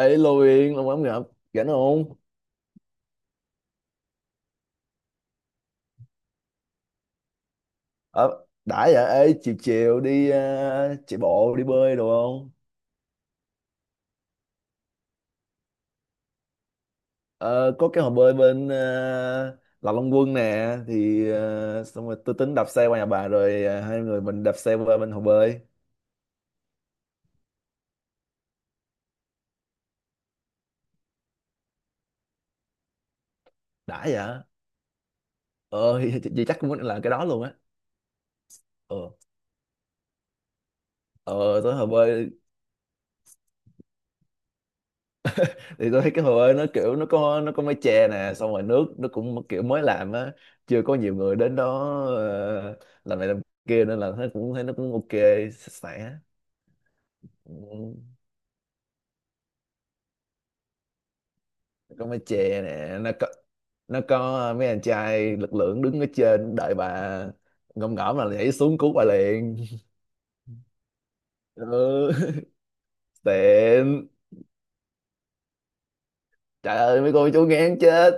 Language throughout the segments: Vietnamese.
Ê Lô Yên, Long Bấm ngập, rảnh không? Ờ, đã vậy, ê, chiều chiều đi chạy bộ, đi bơi đồ không? Ờ, có cái hồ bơi bên Lạc Long Quân nè, thì xong rồi tôi tính đạp xe qua nhà bà rồi hai người mình đạp xe qua bên hồ bơi. Đã vậy? Ờ, thì chắc cũng là cái đó luôn á. Ờ, ờ, tới hồ bơi thì tôi thấy cái hồ ơi nó kiểu nó có mái che nè, xong rồi nước nó cũng kiểu mới làm á, chưa có nhiều người đến đó, ờ, làm này làm kia nên là thấy nó cũng ok, sạch sẽ. Ừ, có mái che nè, nó có mấy anh trai lực lượng đứng ở trên đợi bà ngom ngõm là nhảy xuống cứu bà liền. Ừ. Tiện, trời ơi mấy cô chú ngán chết.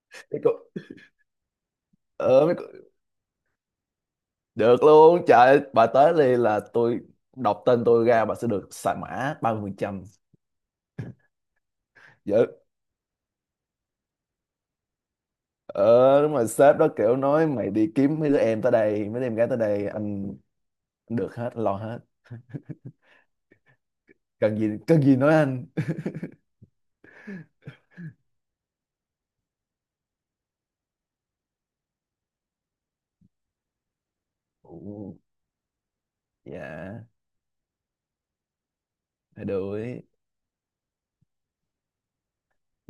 mấy cô ờ mấy cô. Được luôn, trời ơi, bà tới đi là tôi đọc tên tôi ra, bà sẽ được xài mã 30%. Dạ. Ờ, đúng rồi, sếp đó kiểu nói mày đi kiếm mấy đứa em tới đây, mấy đứa em gái tới đây, anh được hết, lo hết. Cần gì nói anh. Ồ. Dạ. Phải đuổi.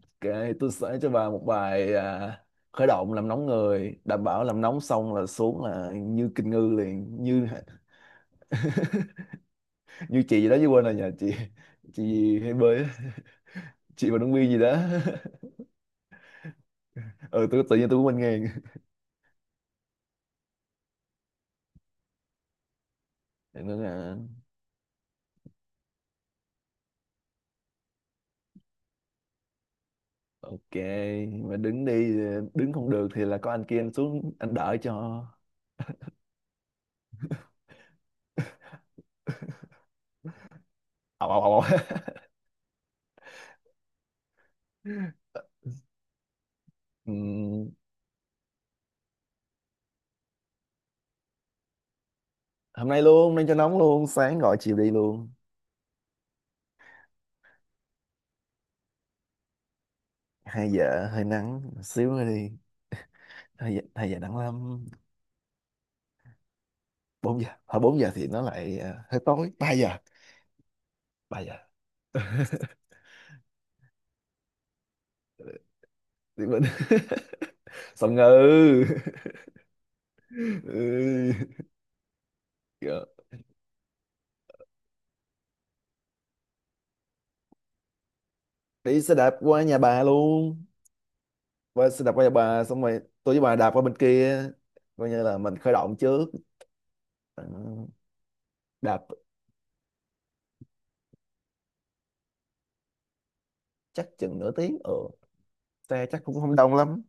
Ok, tôi sẽ cho bà một bài khởi động làm nóng người, đảm bảo làm nóng xong là xuống là như kinh ngư liền, như như chị gì đó chứ quên rồi, nhà chị gì hay bơi á, chị và ứng viên gì đó. Ừ, tôi tự nhiên tôi cũng bên ngang. Thì nó là ok, mà đứng đi đứng không được thì là có anh kia anh xuống anh đợi cho. Ầu ầu ầu ầu. Ừm, hôm nay luôn, hôm nay cho nóng luôn, sáng gọi chiều đi luôn. Hai giờ hơi nắng, xíu nữa đi. 2 giờ, hai giờ nắng lắm. 4 giờ hồi 4 giờ thì nó lại hơi tối. 3 giờ, 3 giờ. Thì mình sao ngừ. Ừ. Dạ. Đi xe đạp qua nhà bà luôn, bà sẽ đạp qua nhà bà xong rồi tôi với bà đạp qua bên kia, coi như là mình khởi động trước. Ừ, đạp chắc chừng nửa tiếng. Ừ, xe chắc cũng không đông lắm.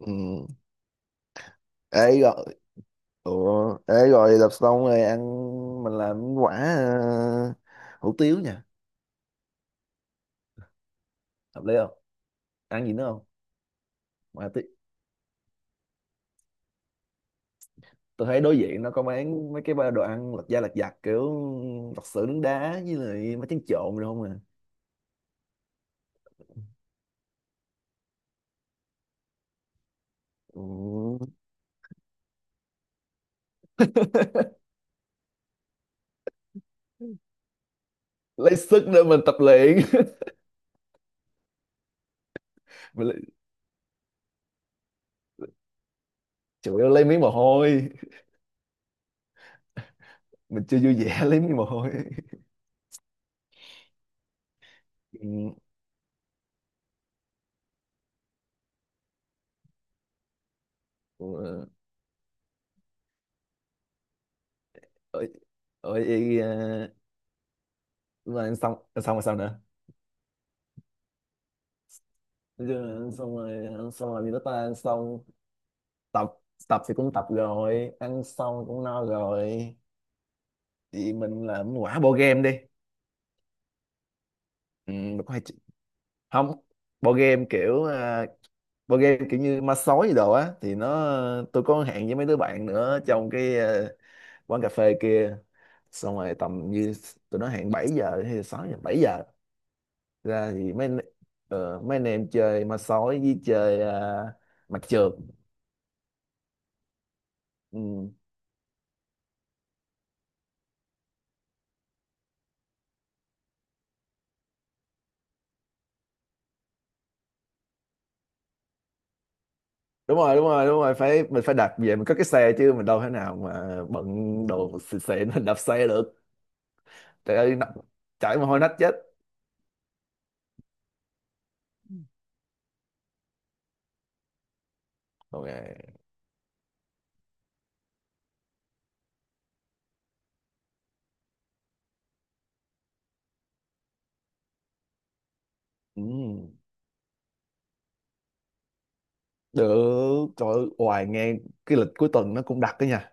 Ừ. Ấy rồi, ủa ấy rồi, đạp xong rồi ăn, mình làm quả hủ tiếu nha. Hợp lý không? Ăn gì nữa không? mà tí- tôi thấy đối diện nó có bán mấy cái ba đồ ăn lật da lật giặt, kiểu lật xưởng nướng đá với lại mấy trứng trộn rồi không à. Ừ. Lấy sức để mình tập luyện. Mình chủ yếu lấy miếng mồ hôi, mình chưa vui vẻ, lấy miếng mồ hôi. Ừ. ờ, ở ở vậy à. Đúng rồi, ăn xong rồi sao nữa? Nói chung là ăn xong rồi, ăn xong rồi vì nó ta ăn xong, tập tập thì cũng tập rồi, ăn xong cũng no rồi, thì mình làm quả board game đi. Ừ, mình có hay ch- không, board game kiểu board game kiểu như ma sói gì đồ á thì nó, tôi có hẹn với mấy đứa bạn nữa trong cái quán cà phê kia, xong rồi tầm như tụi nó hẹn 7 giờ hay là 6 giờ 7 giờ ra thì mấy mấy anh em chơi ma sói với chơi mặt trượt. Ừ. Đúng rồi, đúng rồi, đúng rồi, phải, mình phải đạp về, mình có cái xe chứ mình đâu thể nào mà bận đồ xịn xịn mình đạp xe được. Trời ơi chảy mồ hôi nách chết. Ok. Ừ. Được, trời ơi hoài nghe, cái lịch cuối tuần nó cũng đặc đó nha.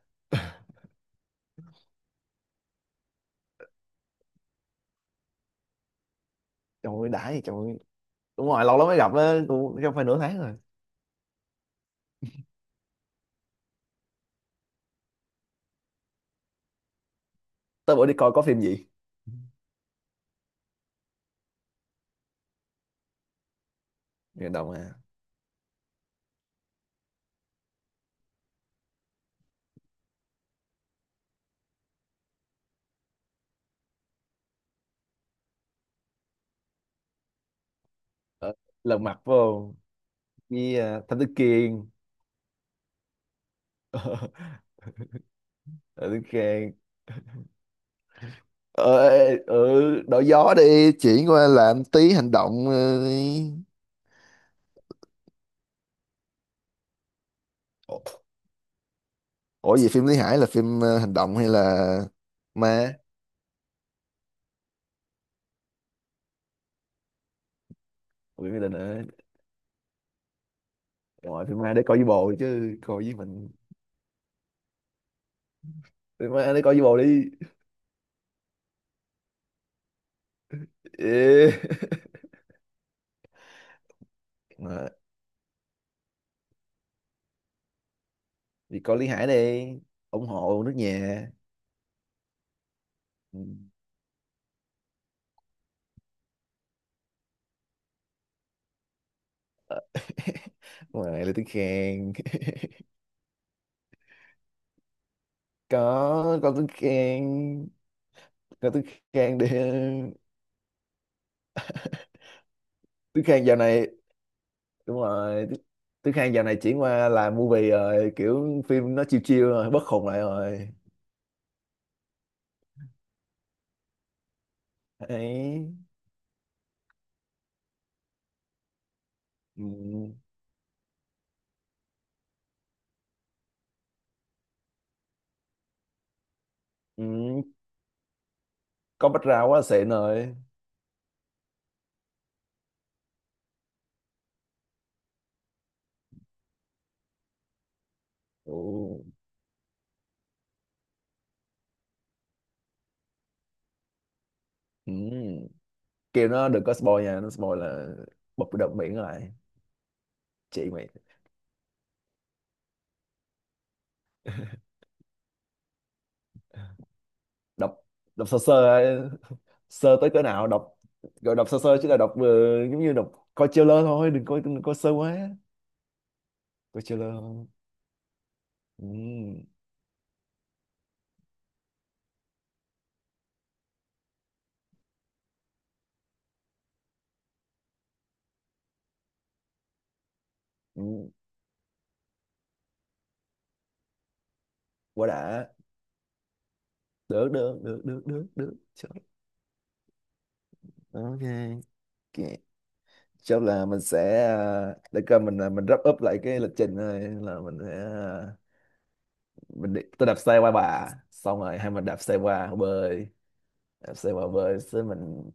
Trời ơi đã gì, trời ơi đúng rồi, lâu lắm mới gặp á, cũng không phải nửa tháng rồi. Tới bữa đi coi có phim gì. Nghe đồng à. Ờ, lần mặt vô với Thánh Đức Kiên. Thánh Đức Kiên. Đổi gió đi, chuyển qua làm tí hành động đi. Ủa ủa gì, phim Lý Hải là phim hành động hay là ma? Ủa, cái định ở, gọi phim ma để coi với bồ chứ coi với mình. Phim ma để coi với bồ đi. Ê. Mà, đi coi Lý Hải đi, ủng hộ nước nhà. Ừ. Ngoài là tiếng khen. Có tiếng khen. Còn Tú Khang đi. Tú Khang dạo này, đúng rồi, Tú Khang dạo này chuyển qua làm movie rồi, kiểu phim nó chill chill rồi, bất khùng lại rồi. Ấy. Ừ. Ừ. Có bách ra quá xịn rồi. Ừ. Ừ. Kêu nó đừng có spoil nha, nó spoil là bụp đập miệng lại, chị mày. Đọc đọc sơ sơ ấy. Sơ tới cỡ nào? Đọc gọi đọc sơ sơ chứ, là đọc giống như đọc coi trailer thôi, đừng coi sơ quá. Coi trailer thôi. Ừ. Ừ. Quá đã. Được, được, được, được, được, được, chốt. Ok. Ok. Chốt là mình sẽ để coi, mình là mình wrap up lại cái lịch trình này là mình sẽ mình đi, tôi đạp xe qua bà xong rồi hai mình đạp xe qua hồ bơi, đạp xe qua hồ bơi xong mình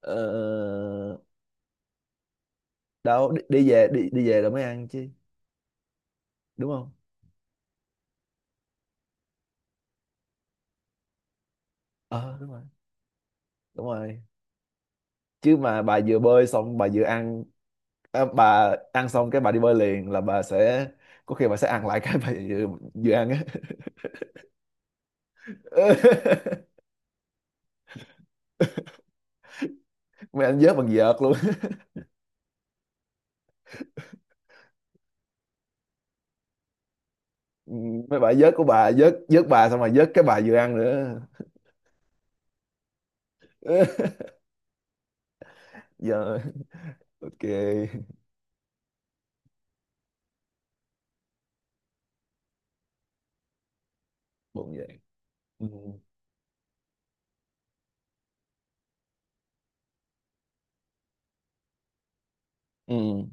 ờ, đâu, đi đi về, đi đi về rồi mới ăn chứ, đúng không? Ờ đúng rồi, đúng rồi, chứ mà bà vừa bơi xong bà vừa ăn bà ăn xong cái bà đi bơi liền là bà sẽ, có khi bà sẽ ăn lại cái bà vừa ăn á. Mấy anh vớt bằng vợt luôn. Mấy bà vớt của bà, vớt vớt bà xong rồi vớt cái bà vừa ăn nữa. Giờ ok. Bốn vậy. Ừ. Ừ.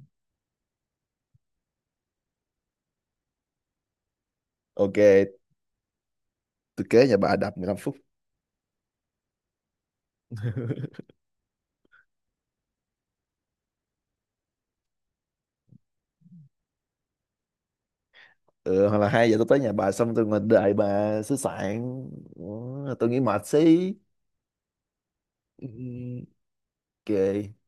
Ok, tôi kế nhà bà, đạp 15 phút. Ừ, hoặc là 2 giờ tôi tới nhà bà xong tôi ngồi đợi bà xứ sạn. Ừ, tôi nghĩ mệt xí. Ừ, ok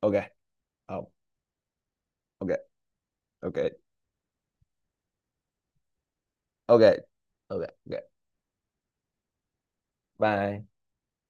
ok. Ờ, ok ok ok ok ok, bye.